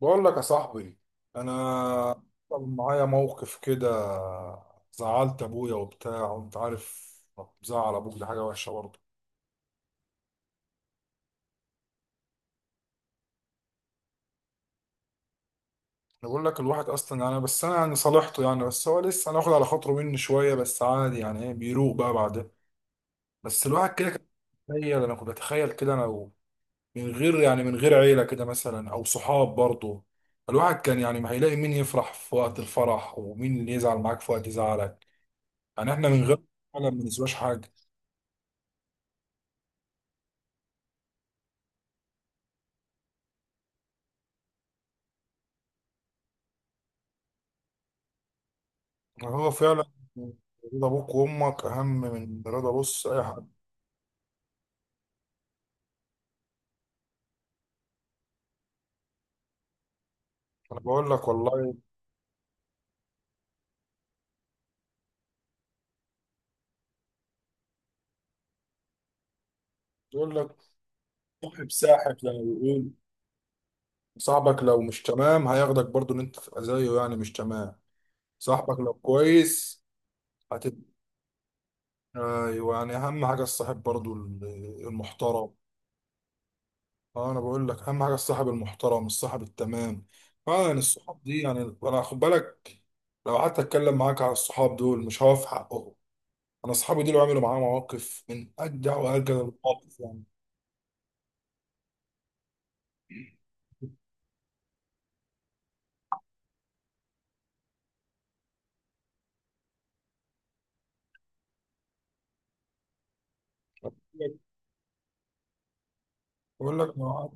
بقول لك يا صاحبي، انا حصل معايا موقف كده. زعلت ابويا وبتاع وانت عارف. زعل ابوك دي حاجه وحشه برضه. انا بقول لك الواحد اصلا يعني، بس انا يعني صالحته يعني، بس هو لسه هناخد على خاطره مني شويه، بس عادي يعني، ايه، بيروق بقى بعدها. بس الواحد كده كان بيتخيل، انا كنت بتخيل كده من غير يعني، من غير عيله كده مثلا او صحاب برضه. الواحد كان يعني ما هيلاقي مين يفرح في وقت الفرح ومين اللي يزعل معاك في وقت زعلك. يعني احنا من غير ما بنسواش حاجه. هو فعلا رضا ابوك وامك اهم من رضا، بص، اي حد. انا بقول لك والله. بقول لك صاحب ساحب زي ما بيقول. صاحبك لو مش تمام هياخدك برضو ان انت تبقى زيه، يعني مش تمام. صاحبك لو كويس هتبقى، ايوه، يعني اهم حاجه الصاحب برضو المحترم. اه، انا بقول لك اهم حاجه الصاحب المحترم، الصاحب التمام. اه يعني الصحاب دي يعني انا خد بالك، لو قعدت اتكلم معاك على الصحاب دول مش هقف حقهم. انا اصحابي دول عملوا معايا مواقف من اجدع واجدع المواقف يعني. بقول لك مع-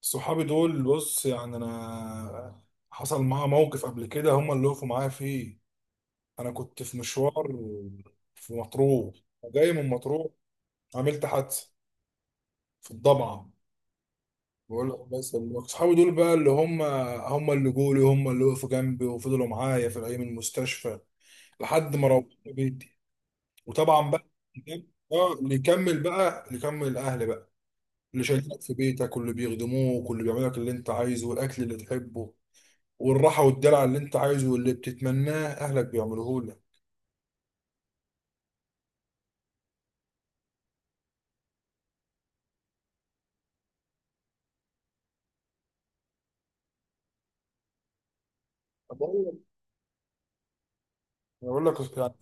صحابي دول بص يعني انا حصل معايا موقف قبل كده هم اللي وقفوا معايا فيه. انا كنت في مشوار في مطروح، جاي من مطروح، عملت حادثه في الضبعه. بقول لك بس صحابي دول بقى اللي هم، هم اللي جولي، هم اللي وقفوا جنبي وفضلوا معايا في الايام المستشفى لحد ما روحت بيتي. وطبعا بقى، اه، اللي يكمل بقى، اللي يكمل الاهل بقى، اللي شايلينك في بيتك واللي بيخدموك واللي بيعملوا لك اللي انت عايزه، والاكل اللي تحبه والراحه والدلع اللي انت عايزه واللي بتتمناه اهلك بيعملوه لك. طب بقول لك، بقول لك يعني،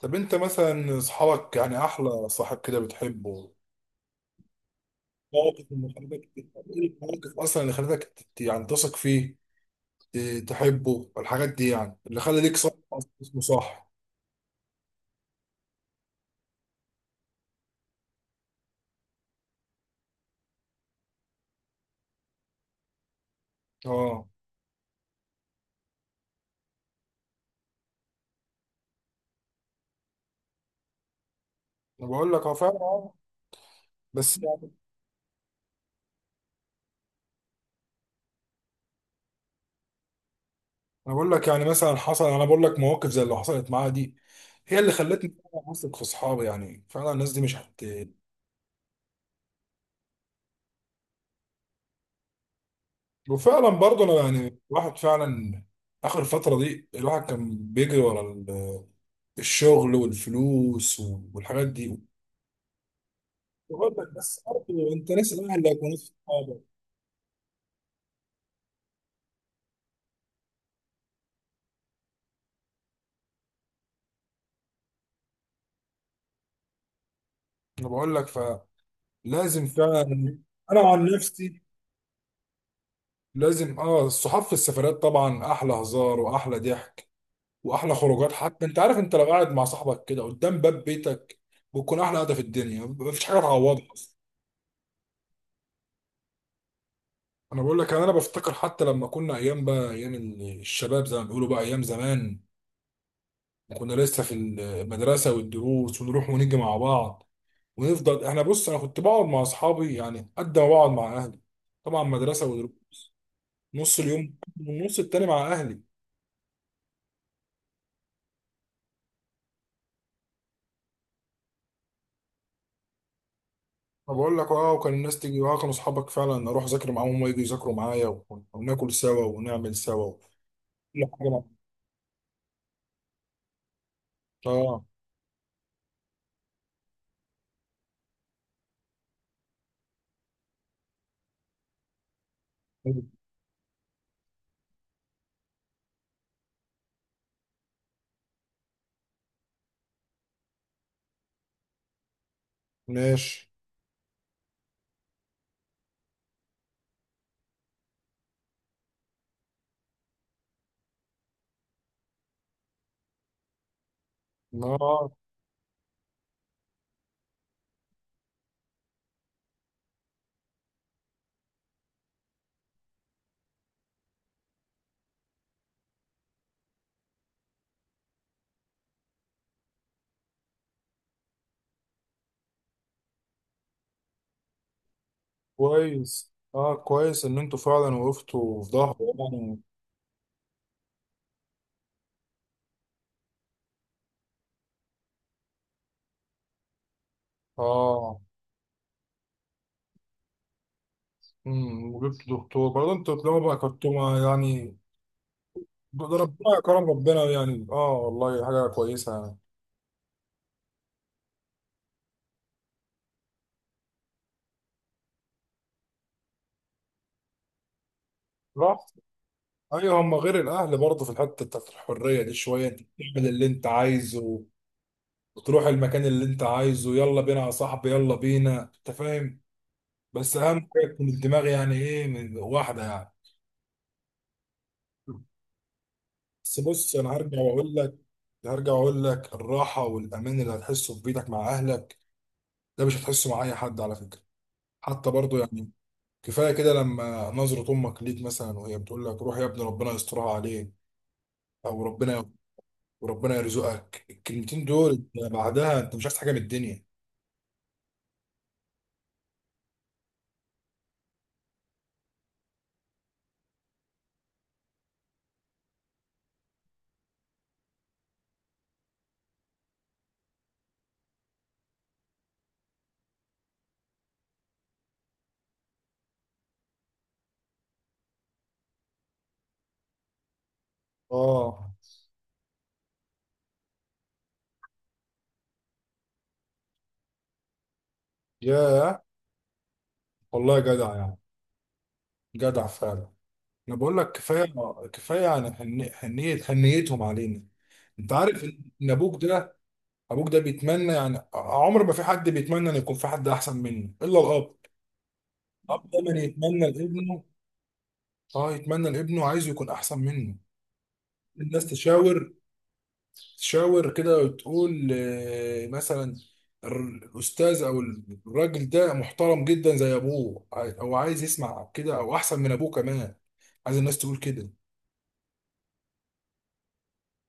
طب انت مثلا اصحابك يعني احلى صاحب كده بتحبه، مواقف اللي خلتك ايه، المواقف اصلا اللي خلتك يعني تثق فيه، تحبه، الحاجات دي يعني اللي خلى ليك صاحب اصلا اسمه صح. اه انا بقول لك هو فعلا اه. بس انا بقول لك يعني مثلا حصل، انا بقول لك مواقف زي اللي حصلت معايا دي هي اللي خلتني فعلاً اثق في اصحابي، يعني فعلا الناس دي مش هت. وفعلا برضه انا يعني الواحد فعلا اخر فتره دي الواحد كان بيجري ورا الشغل والفلوس والحاجات دي. بقول لك بس برضه انت ناس الاهل اللي هيكونوا صحابك. انا بقول لك فلازم فعلا. انا عن نفسي لازم، اه، الصحاب في السفرات طبعا احلى هزار واحلى ضحك واحلى خروجات. حتى انت عارف انت لو قاعد مع صاحبك كده قدام باب بيتك بتكون احلى قعده في الدنيا، مفيش حاجه تعوضها اصلا. انا بقول لك انا بفتكر حتى لما كنا ايام بقى، ايام الشباب زي ما بيقولوا بقى، ايام زمان كنا لسه في المدرسه والدروس ونروح ونيجي مع بعض ونفضل احنا، بص انا كنت بقعد مع اصحابي يعني قد ما بقعد مع اهلي. طبعا مدرسه ودروس، نص اليوم، والنص التاني مع اهلي. فبقول لك اه، وكان الناس تيجي، اه كانوا اصحابك فعلا، اروح اذاكر معاهم وهم يجوا يذاكروا معايا وناكل سوا ونعمل سوا كل حاجة بقى. اه ماشي، اه كويس، اه كويس ان انتوا فعلا وقفتوا في ظهره يعني. اه، وجبت دكتور برضه انتوا طالما بقى يعني ده ربنا كرم، ربنا يعني اه والله حاجة كويسة يعني. رحت، ايوه هم غير الاهل برضه في الحتة بتاعت الحرية دي شوية، انت بتعمل اللي انت عايزه وتروح المكان اللي انت عايزه. يلا بينا يا صاحبي، يلا بينا، انت فاهم. بس اهم حاجة تكون الدماغ يعني ايه من واحدة يعني. بس بص انا هرجع واقول لك، هرجع واقول لك الراحه والامان اللي هتحسه في بيتك مع اهلك ده مش هتحسه مع اي حد على فكره، حتى برضو يعني. كفايه كده لما نظره امك ليك مثلا وهي بتقول لك روح يا ابني، ربنا يسترها عليك او ربنا وربنا يرزقك، الكلمتين دول أنت بعدها انت مش عايز حاجه من الدنيا. اه يا، والله جدع يعني، جدع فعلا. انا بقول لك كفايه، كفايه يعني، حنية حنيتهم علينا. انت عارف ان ابوك ده، ابوك ده بيتمنى يعني عمر ما في حد بيتمنى ان يكون في حد احسن منه الا الاب. الاب دايما يتمنى لابنه، اه، يتمنى لابنه عايزه يكون احسن منه. الناس تشاور، تشاور كده وتقول، مثلا الاستاذ او الراجل ده محترم جدا زي ابوه او عايز يسمع كده، او احسن من ابوه كمان. عايز الناس تقول كده.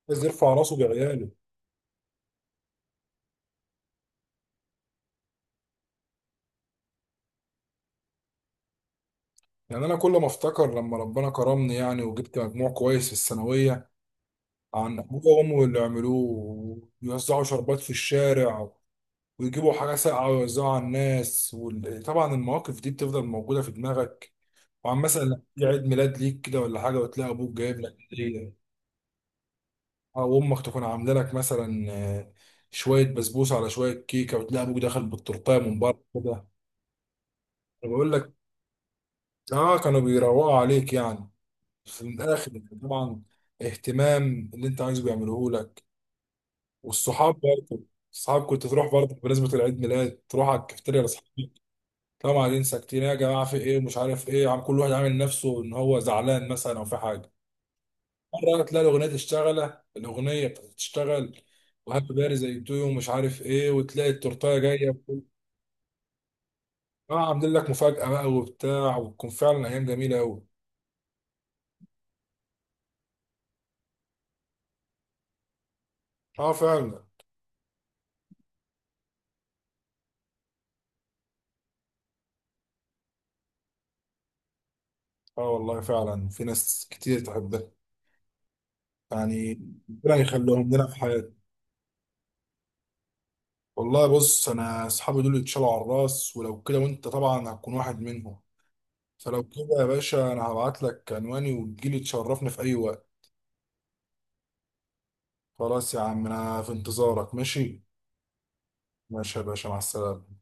عايز يرفع راسه بعياله. يعني انا كل ما افتكر لما ربنا كرمني يعني وجبت مجموع كويس في الثانويه، عن ابوه وامه اللي عملوه ويوزعوا شربات في الشارع ويجيبوا حاجه ساقعه ويوزعوها على الناس، وطبعا المواقف دي بتفضل موجوده في دماغك. وعن مثلا لما تيجي عيد ميلاد ليك كده ولا حاجه وتلاقي ابوك جايب لك هديه، او امك تكون عامله لك مثلا شويه بسبوسه على شويه كيكه، وتلاقي ابوك داخل بالتورتايه من بره كده. أنا بقول لك اه، كانوا بيروقوا عليك يعني في الاخر يعني. طبعا اهتمام اللي انت عايزه بيعملوه لك، والصحاب برضه. الصحاب كنت تروح برضه بمناسبة العيد ميلاد تروح على الكافتيريا لاصحابك. طبعا ننسى كتير يا جماعة في ايه، مش عارف ايه، عم كل واحد عامل نفسه ان هو زعلان مثلا او في حاجة، مرة تلاقي الأغنية تشتغل، الأغنية بتاعت تشتغل، وهابي باري زي تو ومش عارف ايه، وتلاقي التورتاية جاية اه عاملين لك مفاجأة بقى وبتاع، وتكون فعلا أيام جميلة أوي. اه فعلا. اه والله فعلا في ناس كتير تحبها يعني، ربنا يخليهم لنا في حياتنا. والله بص انا اصحابي دول اتشالوا على الراس، ولو كده وانت طبعا هتكون واحد منهم، فلو كده يا باشا انا هبعت لك عنواني وتجيلي تشرفني في اي وقت. خلاص يا عم، انا في انتظارك، ماشي؟ ماشي يا باشا، مع السلامة.